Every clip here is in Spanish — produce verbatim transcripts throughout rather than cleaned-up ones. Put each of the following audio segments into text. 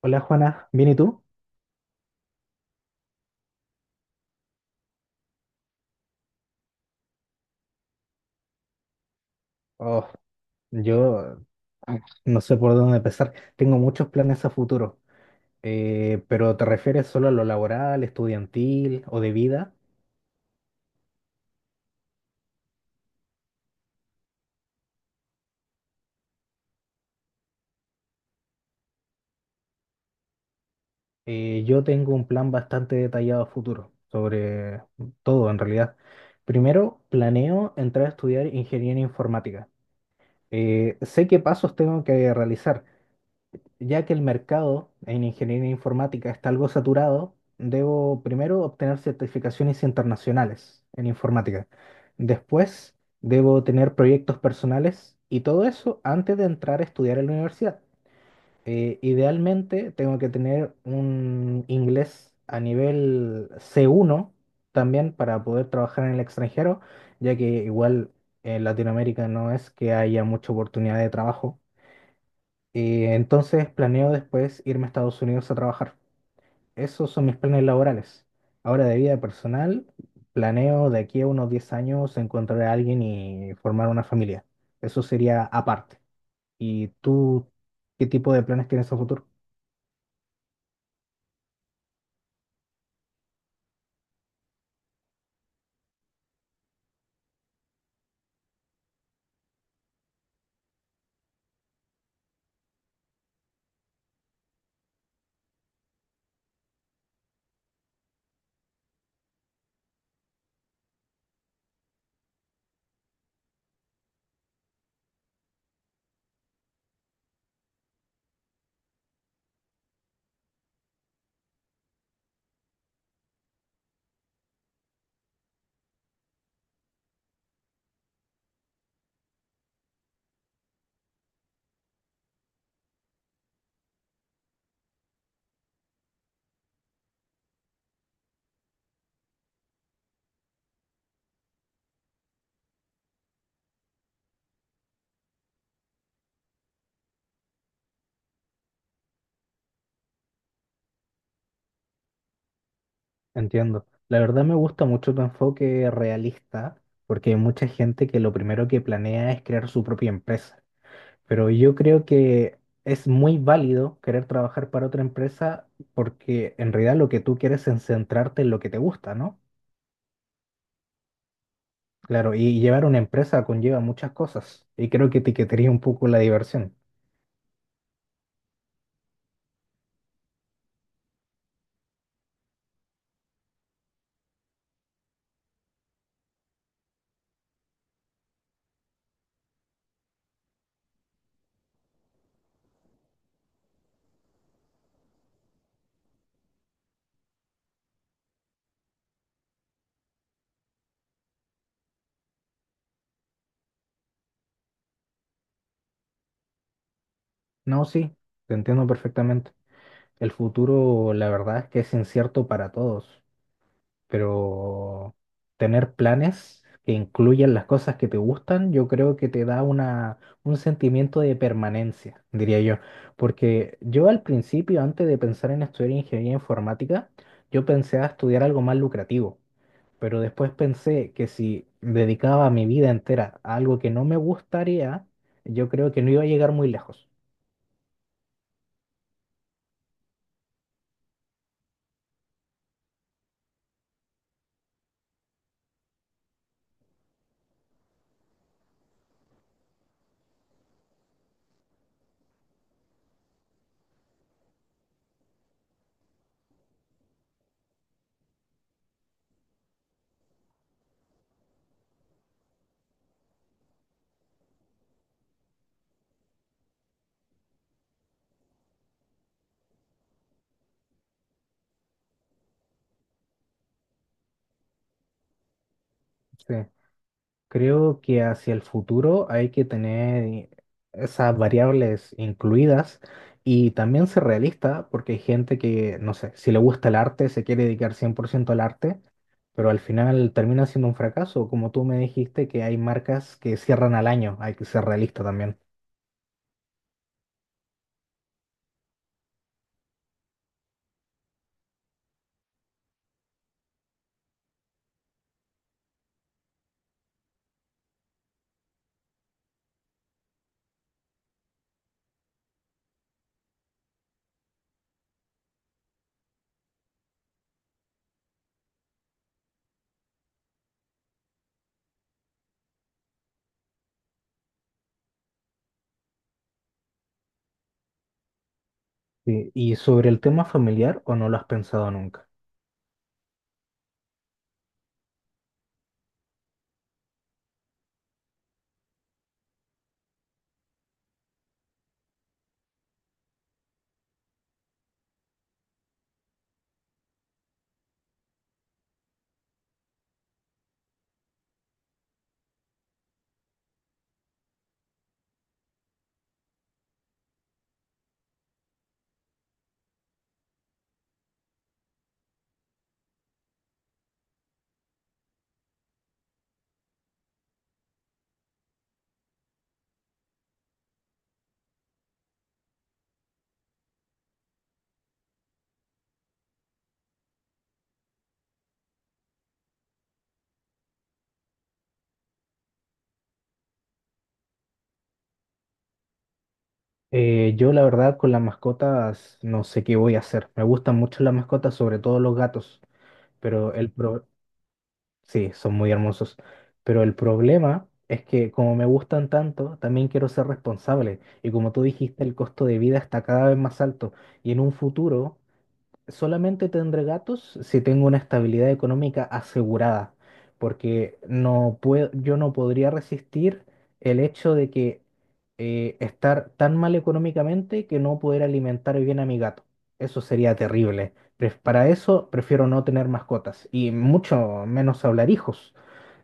Hola Juana, ¿bien y tú? Oh, yo no sé por dónde empezar. Tengo muchos planes a futuro. Eh, pero ¿te refieres solo a lo laboral, estudiantil o de vida? Eh, yo tengo un plan bastante detallado a futuro sobre todo en realidad. Primero, planeo entrar a estudiar ingeniería informática. Eh, sé qué pasos tengo que realizar, ya que el mercado en ingeniería informática está algo saturado. Debo primero obtener certificaciones internacionales en informática. Después, debo tener proyectos personales y todo eso antes de entrar a estudiar en la universidad. Eh, idealmente, tengo que tener un inglés a nivel C uno también para poder trabajar en el extranjero, ya que igual en Latinoamérica no es que haya mucha oportunidad de trabajo. Y entonces planeo después irme a Estados Unidos a trabajar. Esos son mis planes laborales. Ahora de vida personal, planeo de aquí a unos diez años encontrar a alguien y formar una familia. Eso sería aparte. ¿Y tú qué tipo de planes tienes a futuro? Entiendo. La verdad me gusta mucho tu enfoque realista porque hay mucha gente que lo primero que planea es crear su propia empresa. Pero yo creo que es muy válido querer trabajar para otra empresa, porque en realidad lo que tú quieres es centrarte en lo que te gusta, ¿no? Claro, y llevar una empresa conlleva muchas cosas y creo que etiquetaría un poco la diversión. No, sí, te entiendo perfectamente. El futuro, la verdad es que es incierto para todos, pero tener planes que incluyan las cosas que te gustan, yo creo que te da una, un sentimiento de permanencia, diría yo. Porque yo al principio, antes de pensar en estudiar ingeniería informática, yo pensé a estudiar algo más lucrativo, pero después pensé que si dedicaba mi vida entera a algo que no me gustaría, yo creo que no iba a llegar muy lejos. Sí. Creo que hacia el futuro hay que tener esas variables incluidas y también ser realista, porque hay gente que, no sé, si le gusta el arte, se quiere dedicar cien por ciento al arte, pero al final termina siendo un fracaso. Como tú me dijiste que hay marcas que cierran al año, hay que ser realista también. Sí, ¿y sobre el tema familiar o no lo has pensado nunca? Eh, yo la verdad con las mascotas no sé qué voy a hacer. Me gustan mucho las mascotas, sobre todo los gatos, pero el, pro- Sí, son muy hermosos. Pero el problema es que como me gustan tanto, también quiero ser responsable. Y como tú dijiste, el costo de vida está cada vez más alto. Y en un futuro, solamente tendré gatos si tengo una estabilidad económica asegurada, porque no puedo, yo no podría resistir el hecho de que eh, estar tan mal económicamente que no poder alimentar bien a mi gato. Eso sería terrible. Pref- Para eso prefiero no tener mascotas y mucho menos hablar hijos.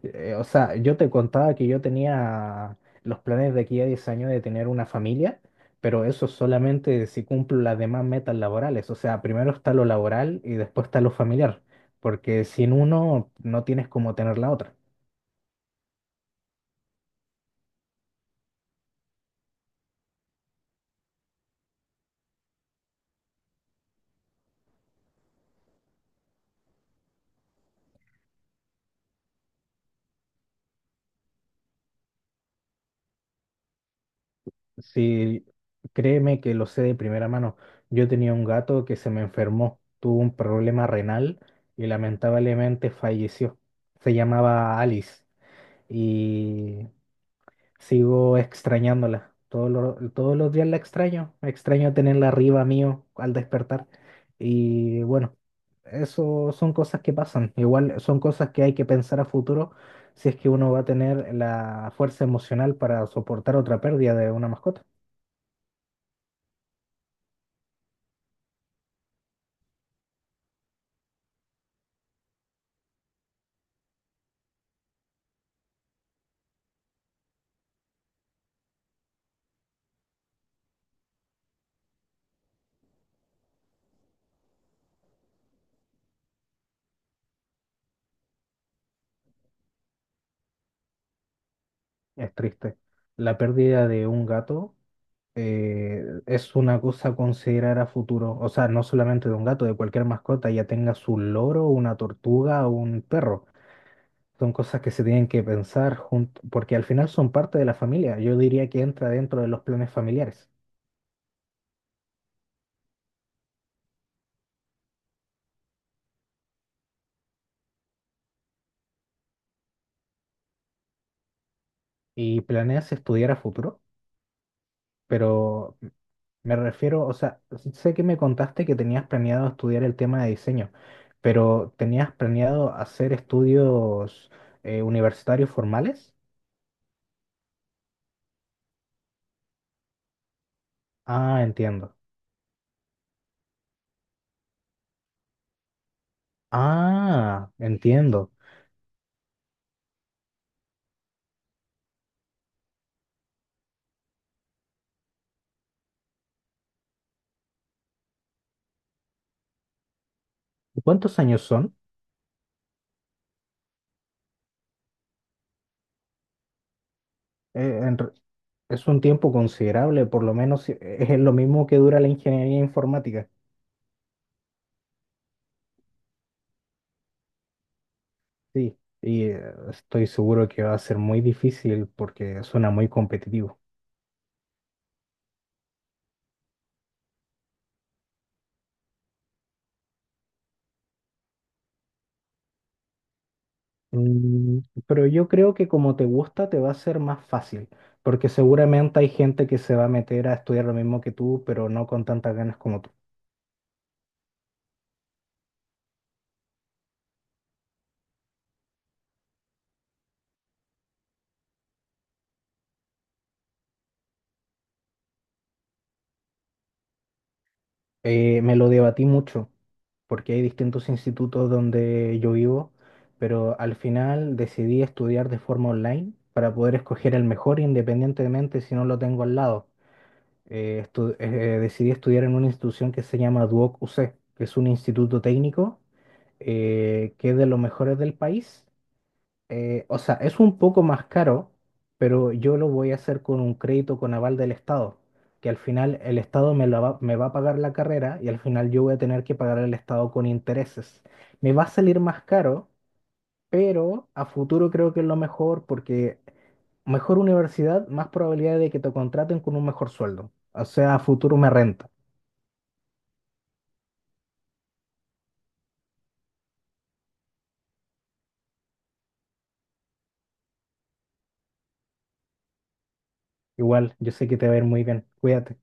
Eh, o sea, yo te contaba que yo tenía los planes de aquí a diez años de tener una familia, pero eso solamente si cumplo las demás metas laborales. O sea, primero está lo laboral y después está lo familiar, porque sin uno no tienes cómo tener la otra. Si, créeme que lo sé de primera mano. Yo tenía un gato que se me enfermó, tuvo un problema renal y lamentablemente falleció. Se llamaba Alice. Y sigo extrañándola. Todos los, todos los días la extraño. Extraño tenerla arriba mío al despertar. Y bueno, eso son cosas que pasan. Igual son cosas que hay que pensar a futuro si es que uno va a tener la fuerza emocional para soportar otra pérdida de una mascota. Es triste. La pérdida de un gato eh, es una cosa a considerar a futuro. O sea, no solamente de un gato, de cualquier mascota, ya tenga su loro, una tortuga o un perro. Son cosas que se tienen que pensar junto, porque al final son parte de la familia. Yo diría que entra dentro de los planes familiares. ¿Y planeas estudiar a futuro? Pero me refiero, o sea, sé que me contaste que tenías planeado estudiar el tema de diseño, pero ¿tenías planeado hacer estudios eh, universitarios formales? Ah, entiendo. Ah, entiendo. ¿Y ¿Cuántos años son? Eh, en re- es un tiempo considerable, por lo menos eh, es lo mismo que dura la ingeniería informática. Sí, y eh, estoy seguro que va a ser muy difícil porque suena muy competitivo. Mm, Pero yo creo que como te gusta, te va a ser más fácil, porque seguramente hay gente que se va a meter a estudiar lo mismo que tú, pero no con tantas ganas como tú. Eh, me lo debatí mucho, porque hay distintos institutos donde yo vivo, pero al final decidí estudiar de forma online para poder escoger el mejor independientemente si no lo tengo al lado. eh, estu- eh, Decidí estudiar en una institución que se llama Duoc U C, que es un instituto técnico eh, que es de los mejores del país. Eh, o sea, es un poco más caro, pero yo lo voy a hacer con un crédito con aval del Estado, que al final el Estado me, la va, me va a pagar la carrera y al final yo voy a tener que pagar al Estado con intereses. Me va a salir más caro, pero a futuro creo que es lo mejor porque... Mejor universidad, más probabilidad de que te contraten con un mejor sueldo. O sea, a futuro me renta. Igual, yo sé que te va a ir muy bien. Cuídate.